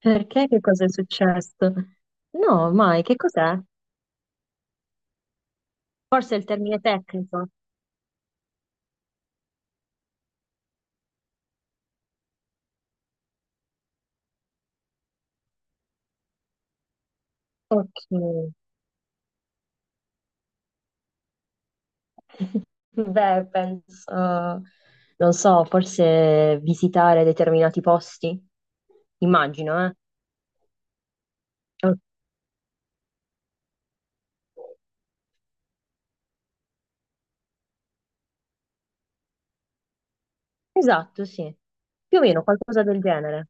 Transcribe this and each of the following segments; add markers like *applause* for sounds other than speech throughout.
Perché? Che cosa è successo? No, mai, che cos'è? Forse è il termine tecnico. Ok. *laughs* Beh, penso, non so, forse visitare determinati posti, immagino, Ok. Esatto, sì. Più o meno qualcosa del genere.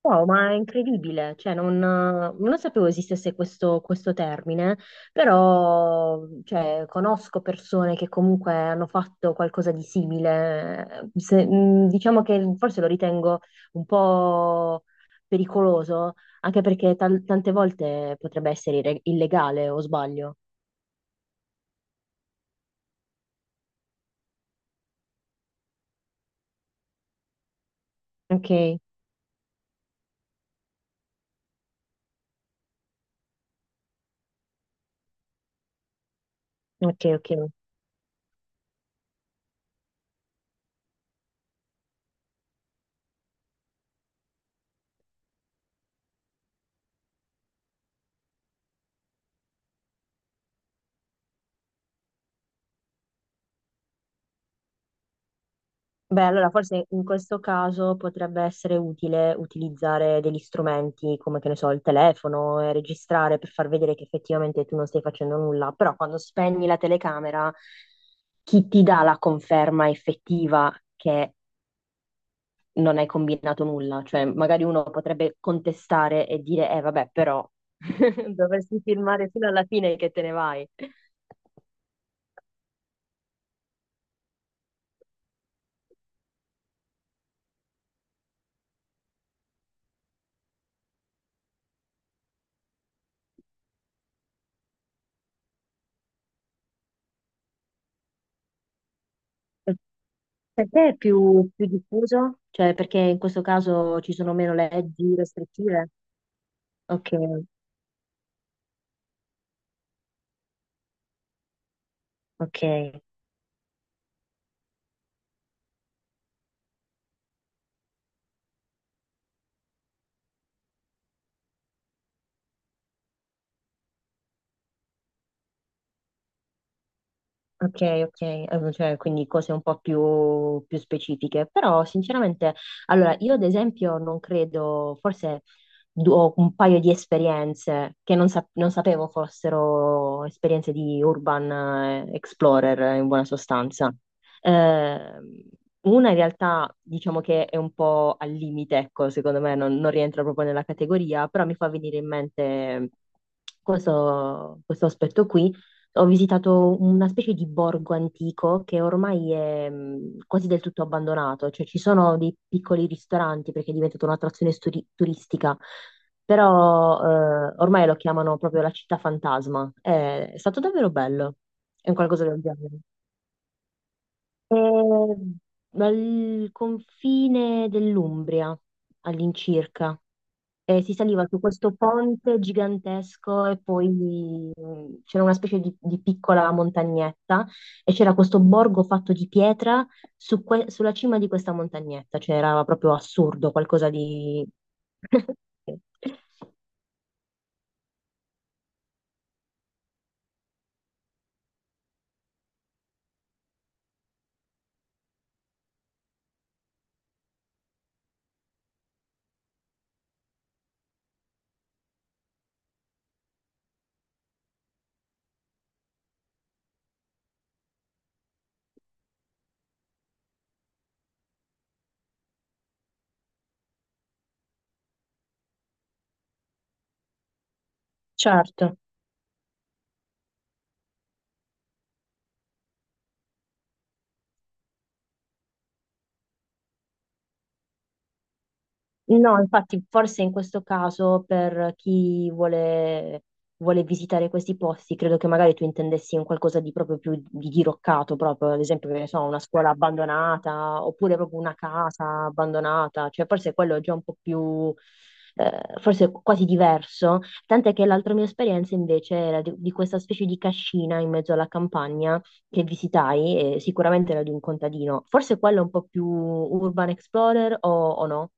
Wow, ma è incredibile, cioè non sapevo esistesse questo termine, però cioè, conosco persone che comunque hanno fatto qualcosa di simile. Diciamo che forse lo ritengo un po' pericoloso, anche perché tante volte potrebbe essere illegale, o sbaglio. Ok, ok. Beh, allora forse in questo caso potrebbe essere utile utilizzare degli strumenti come, che ne so, il telefono e registrare per far vedere che effettivamente tu non stai facendo nulla, però quando spegni la telecamera, chi ti dà la conferma effettiva che non hai combinato nulla? Cioè, magari uno potrebbe contestare e dire, eh vabbè, però *laughs* dovresti filmare fino alla fine che te ne vai. Per te è più diffuso? Cioè, perché in questo caso ci sono meno leggi restrittive? Ok, ok, ok, ok, cioè, quindi cose un po' più specifiche, però sinceramente, allora io ad esempio non credo, forse ho un paio di esperienze che non sapevo fossero esperienze di urban explorer in buona sostanza. Eh, una in realtà diciamo che è un po' al limite, ecco, secondo me non rientra proprio nella categoria, però mi fa venire in mente questo aspetto qui. Ho visitato una specie di borgo antico che ormai è quasi del tutto abbandonato, cioè ci sono dei piccoli ristoranti perché è diventata un'attrazione turistica, però ormai lo chiamano proprio la città fantasma. È stato davvero bello, è un qualcosa del genere. È al confine dell'Umbria all'incirca. E si saliva su questo ponte gigantesco e poi c'era una specie di piccola montagnetta e c'era questo borgo fatto di pietra su sulla cima di questa montagnetta, cioè era proprio assurdo, qualcosa di... *laughs* Certo. No, infatti, forse in questo caso per chi vuole visitare questi posti, credo che magari tu intendessi un qualcosa di proprio più di diroccato, proprio ad esempio, che ne so, una scuola abbandonata oppure proprio una casa abbandonata, cioè forse quello è già un po' più, forse quasi diverso. Tant'è che l'altra mia esperienza invece era di questa specie di cascina in mezzo alla campagna che visitai, e sicuramente era di un contadino. Forse quello è un po' più urban explorer o no?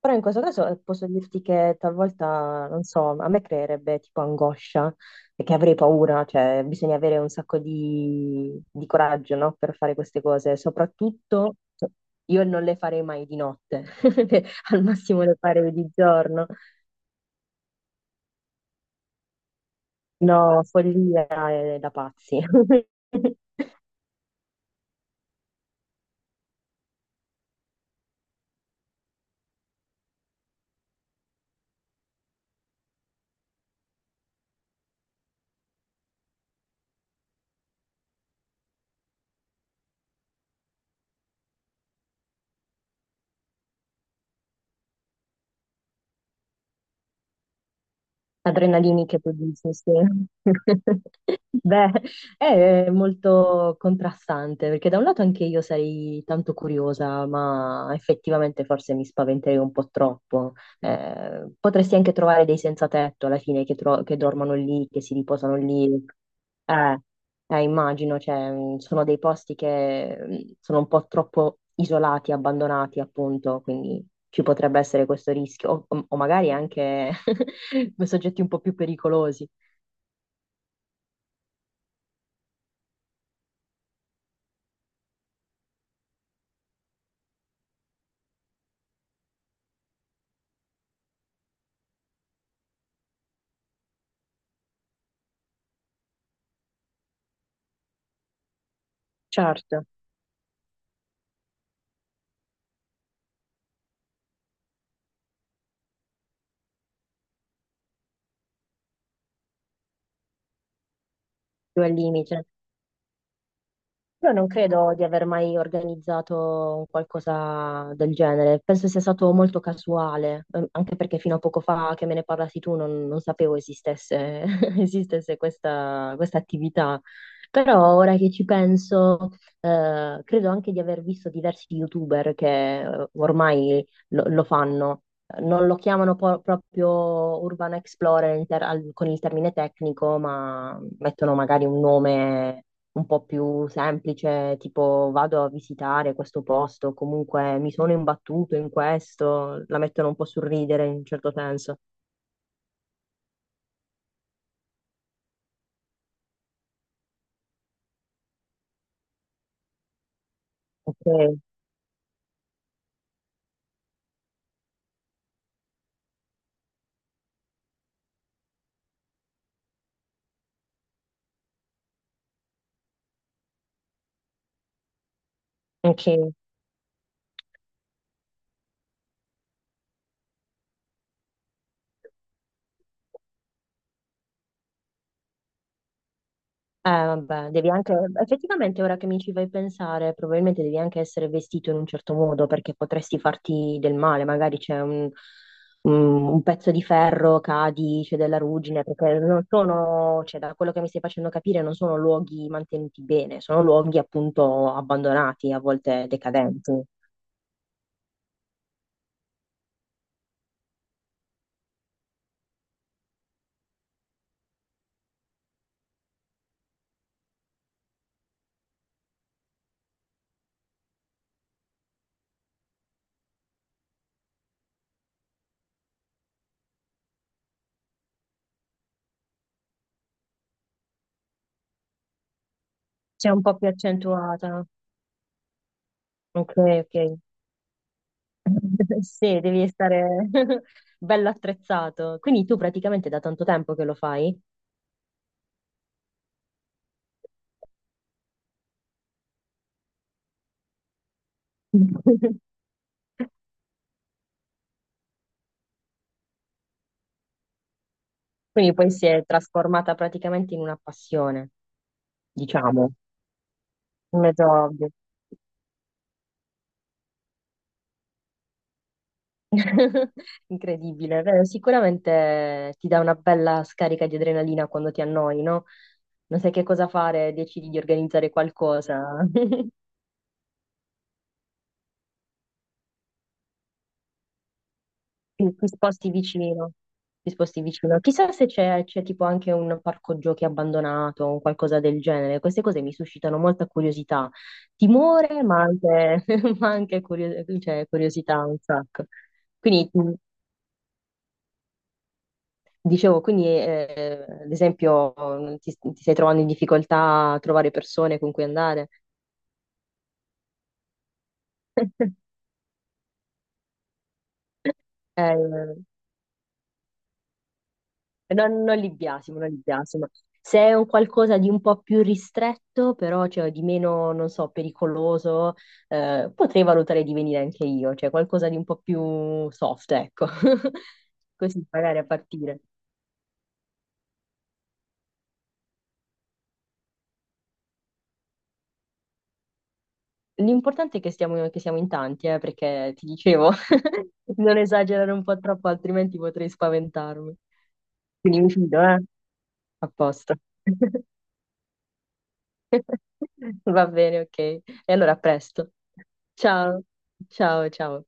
Però in questo caso posso dirti che talvolta, non so, a me creerebbe tipo angoscia, perché avrei paura, cioè bisogna avere un sacco di coraggio, no? Per fare queste cose. Soprattutto io non le farei mai di notte, *laughs* al massimo le farei di giorno. No, follia è da pazzi. *laughs* Adrenaliniche, tu dici, sì. *laughs* Beh, è molto contrastante, perché da un lato anche io sarei tanto curiosa, ma effettivamente forse mi spaventerei un po' troppo. Potresti anche trovare dei senza tetto alla fine che dormono lì, che si riposano lì. Eh, Immagino, cioè, sono dei posti che sono un po' troppo isolati, abbandonati, appunto, quindi ci potrebbe essere questo rischio, o magari anche *laughs* soggetti un po' più pericolosi. Certo, più al limite. Io non credo di aver mai organizzato un qualcosa del genere, penso sia stato molto casuale, anche perché fino a poco fa che me ne parlassi tu non sapevo esistesse, *laughs* esistesse questa attività, però ora che ci penso, credo anche di aver visto diversi YouTuber che ormai lo fanno, non lo chiamano proprio Urban Explorer in con il termine tecnico, ma mettono magari un nome un po' più semplice, tipo vado a visitare questo posto, comunque mi sono imbattuto in questo, la mettono un po' sul ridere in un certo senso. Ok, ok. Vabbè, devi anche, effettivamente ora che mi ci fai pensare, probabilmente devi anche essere vestito in un certo modo perché potresti farti del male, magari c'è un, un pezzo di ferro, cadi, c'è della ruggine, perché non sono, cioè da quello che mi stai facendo capire, non sono luoghi mantenuti bene, sono luoghi appunto abbandonati, a volte decadenti. C'è un po' più accentuata. Ok, ok. *laughs* Sì, devi stare *laughs* bello attrezzato. Quindi tu praticamente da tanto tempo che lo fai? *laughs* Quindi poi si è trasformata praticamente in una passione, diciamo, un mezzo ovvio. *laughs* Incredibile, vero? Sicuramente ti dà una bella scarica di adrenalina quando ti annoi, no? Non sai che cosa fare, decidi di organizzare qualcosa. *laughs* Sì, ti sposti vicino, ti sposti vicino. Chissà se c'è tipo anche un parco giochi abbandonato o qualcosa del genere. Queste cose mi suscitano molta curiosità, timore, ma anche, *laughs* ma anche cioè, curiosità un sacco. Quindi dicevo, quindi ad esempio ti stai trovando in difficoltà a trovare persone con cui andare? *laughs* Eh, Non, non li biasimo, non li biasimo. Se è un qualcosa di un po' più ristretto, però cioè, di meno, non so, pericoloso, potrei valutare di venire anche io, cioè qualcosa di un po' più soft, ecco. *laughs* Così magari a partire. L'importante è che che siamo in tanti, perché ti dicevo, *laughs* non esagerare un po' troppo, altrimenti potrei spaventarmi. Quindi mi fido, eh? A posto. *laughs* Va bene, ok. E allora a presto. Ciao, ciao, ciao.